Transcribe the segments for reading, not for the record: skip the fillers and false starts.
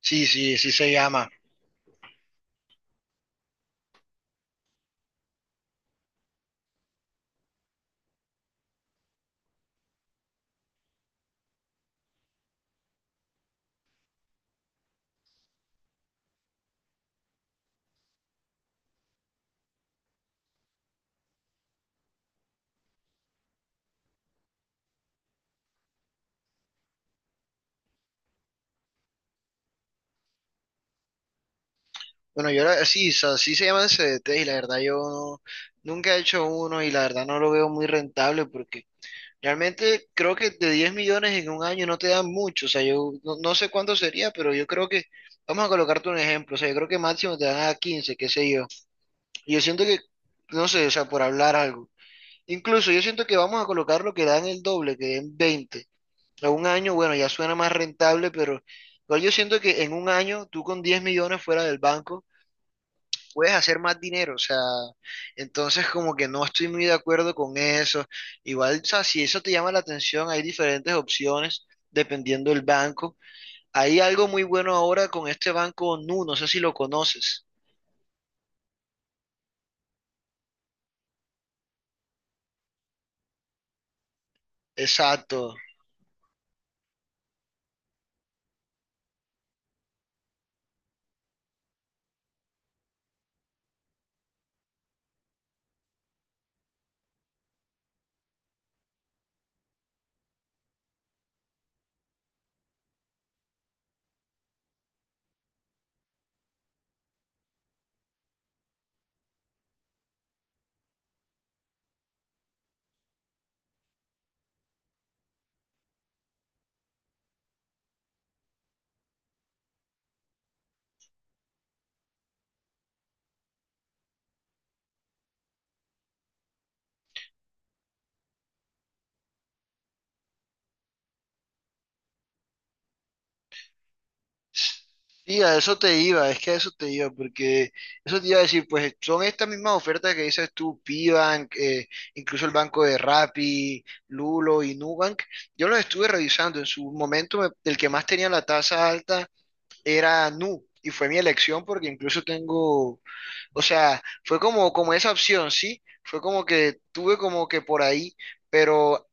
Sí, sí, sí se llama. Bueno, yo la- sí, so- sí se llaman CDT y la verdad yo no- nunca he hecho uno y la verdad no lo veo muy rentable porque realmente creo que de 10 millones en un año no te dan mucho. O sea, yo no, no sé cuánto sería, pero yo creo que, vamos a colocarte un ejemplo, o sea, yo creo que máximo te dan a 15, qué sé yo. Y yo siento que, no sé, o sea, por hablar algo. Incluso yo siento que vamos a colocar lo que dan el doble, que den 20. A un año, bueno, ya suena más rentable, pero igual yo siento que en un año tú con 10 millones fuera del banco puedes hacer más dinero, o sea, entonces como que no estoy muy de acuerdo con eso. Igual, o sea, si eso te llama la atención, hay diferentes opciones dependiendo del banco. Hay algo muy bueno ahora con este banco Nu, no sé si lo conoces. Exacto. Sí, a eso te iba, es que a eso te iba, porque eso te iba a decir, pues son estas mismas ofertas que dices tú, Pibank, incluso el banco de Rappi, Lulo y Nubank. Yo los estuve revisando, en su momento el que más tenía la tasa alta era Nu, y fue mi elección porque incluso tengo, o sea, fue como, como esa opción, ¿sí? Fue como que tuve como que por ahí, pero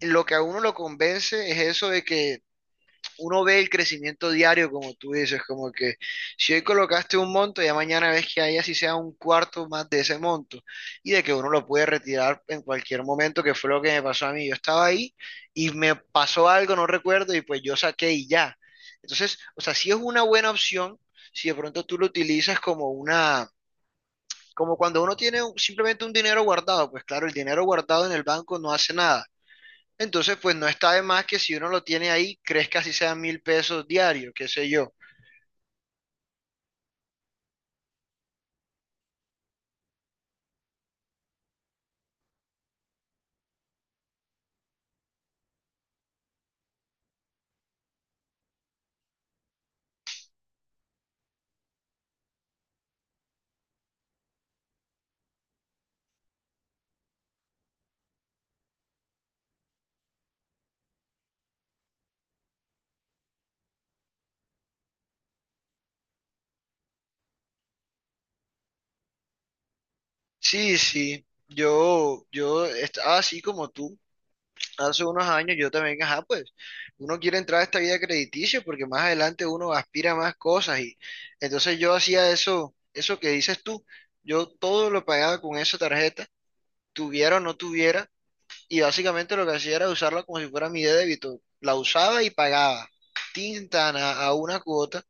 lo que a uno lo convence es eso de que uno ve el crecimiento diario, como tú dices, como que si hoy colocaste un monto, ya mañana ves que hay así sea un cuarto más de ese monto y de que uno lo puede retirar en cualquier momento, que fue lo que me pasó a mí. Yo estaba ahí y me pasó algo, no recuerdo, y pues yo saqué y ya. Entonces, o sea, sí es una buena opción si de pronto tú lo utilizas como una, como cuando uno tiene simplemente un dinero guardado, pues claro, el dinero guardado en el banco no hace nada entonces, pues no está de más que si uno lo tiene ahí, crezca si sea 1.000 pesos diarios, qué sé yo. Sí, sí, yo estaba así como tú. Hace unos años yo también, ajá, pues uno quiere entrar a esta vida crediticia porque más adelante uno aspira a más cosas y entonces yo hacía eso, eso que dices tú, yo todo lo pagaba con esa tarjeta, tuviera o no tuviera, y básicamente lo que hacía era usarla como si fuera mi débito, la usaba y pagaba, tintana a una cuota.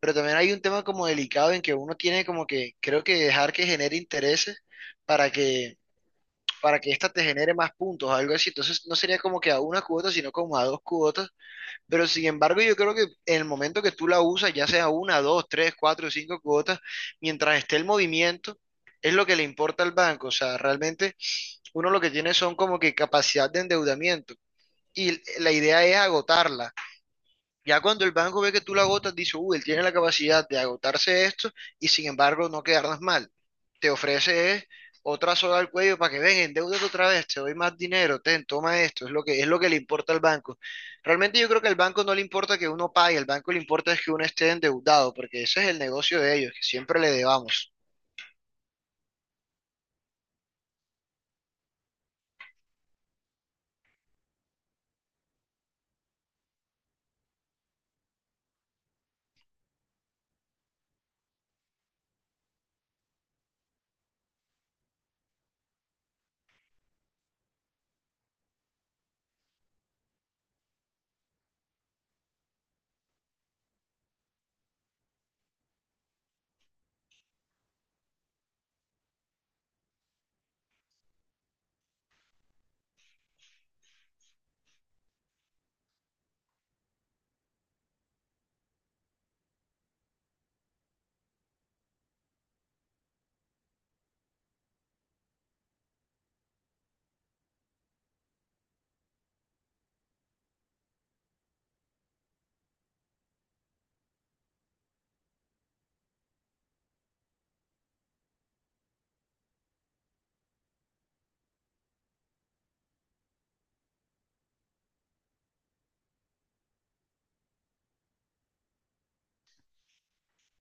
Pero también hay un tema como delicado en que uno tiene como que, creo que dejar que genere intereses para que, para que ésta te genere más puntos, algo así. Entonces no sería como que a una cuota, sino como a dos cuotas. Pero sin embargo, yo creo que en el momento que tú la usas, ya sea una, dos, tres, cuatro, cinco cuotas, mientras esté el movimiento, es lo que le importa al banco. O sea, realmente uno lo que tiene son como que capacidad de endeudamiento. Y la idea es agotarla. Ya cuando el banco ve que tú la agotas, dice, uy, él tiene la capacidad de agotarse esto y sin embargo no quedarnos mal. Te ofrece otra soga al cuello para que ven, endeúdate otra vez, te doy más dinero, ten, toma esto, es lo que le importa al banco. Realmente yo creo que al banco no le importa que uno pague, al banco le importa es que uno esté endeudado, porque ese es el negocio de ellos, que siempre le debamos.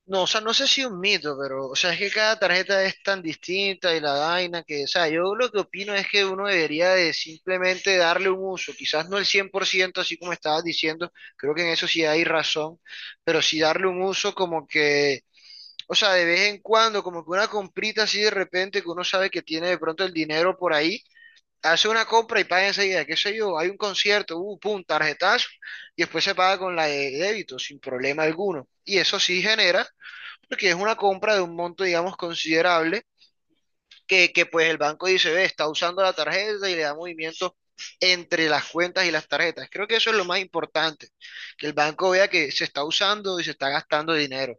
No, o sea, no sé si un mito, pero, o sea, es que cada tarjeta es tan distinta y la vaina que, o sea, yo lo que opino es que uno debería de simplemente darle un uso, quizás no el 100% así como estabas diciendo, creo que en eso sí hay razón, pero sí darle un uso como que, o sea, de vez en cuando, como que una comprita así de repente que uno sabe que tiene de pronto el dinero por ahí, hace una compra y paga enseguida, qué sé yo, hay un concierto, pum, tarjetazo, y después se paga con la de débito sin problema alguno. Y eso sí genera porque es una compra de un monto, digamos, considerable, que pues el banco dice, ve, está usando la tarjeta y le da movimiento entre las cuentas y las tarjetas. Creo que eso es lo más importante, que el banco vea que se está usando y se está gastando dinero.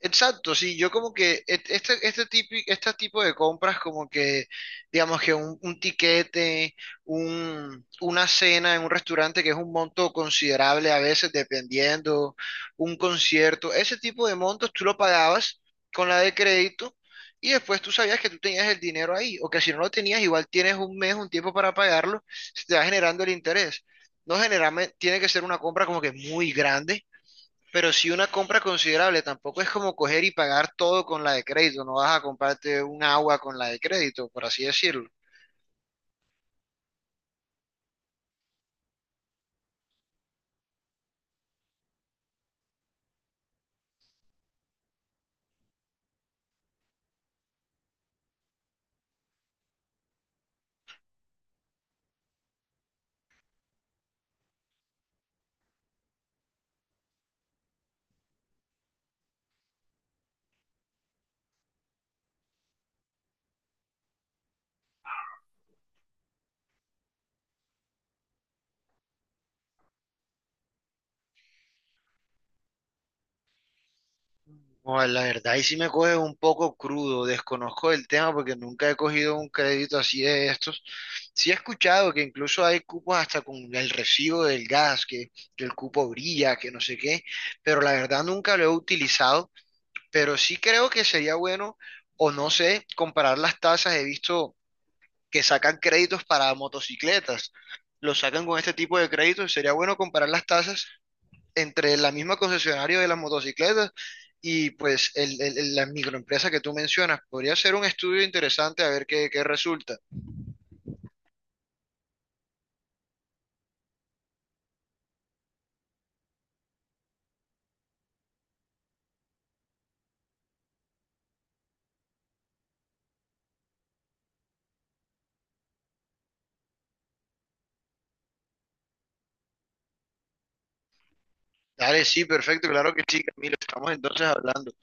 Exacto, sí, yo como que este tipo de compras como que, digamos que un tiquete, una cena en un restaurante que es un monto considerable a veces dependiendo, un concierto, ese tipo de montos tú lo pagabas con la de crédito y después tú sabías que tú tenías el dinero ahí o que si no lo tenías igual tienes un mes, un tiempo para pagarlo, se te va generando el interés. No generalmente tiene que ser una compra como que muy grande pero si una compra considerable, tampoco es como coger y pagar todo con la de crédito, no vas a comprarte un agua con la de crédito, por así decirlo. No, la verdad, y sí me coge un poco crudo, desconozco el tema porque nunca he cogido un crédito así de estos. Sí he escuchado que incluso hay cupos hasta con el recibo del gas, que el cupo brilla, que no sé qué, pero la verdad nunca lo he utilizado, pero sí creo que sería bueno, o no sé, comparar las tasas, he visto que sacan créditos para motocicletas. Los sacan con este tipo de créditos. Sería bueno comparar las tasas entre la misma concesionaria de las motocicletas y pues la microempresa que tú mencionas. Podría ser un estudio interesante a ver qué resulta. Dale, sí, perfecto, claro que sí, Camilo. Estamos entonces hablando.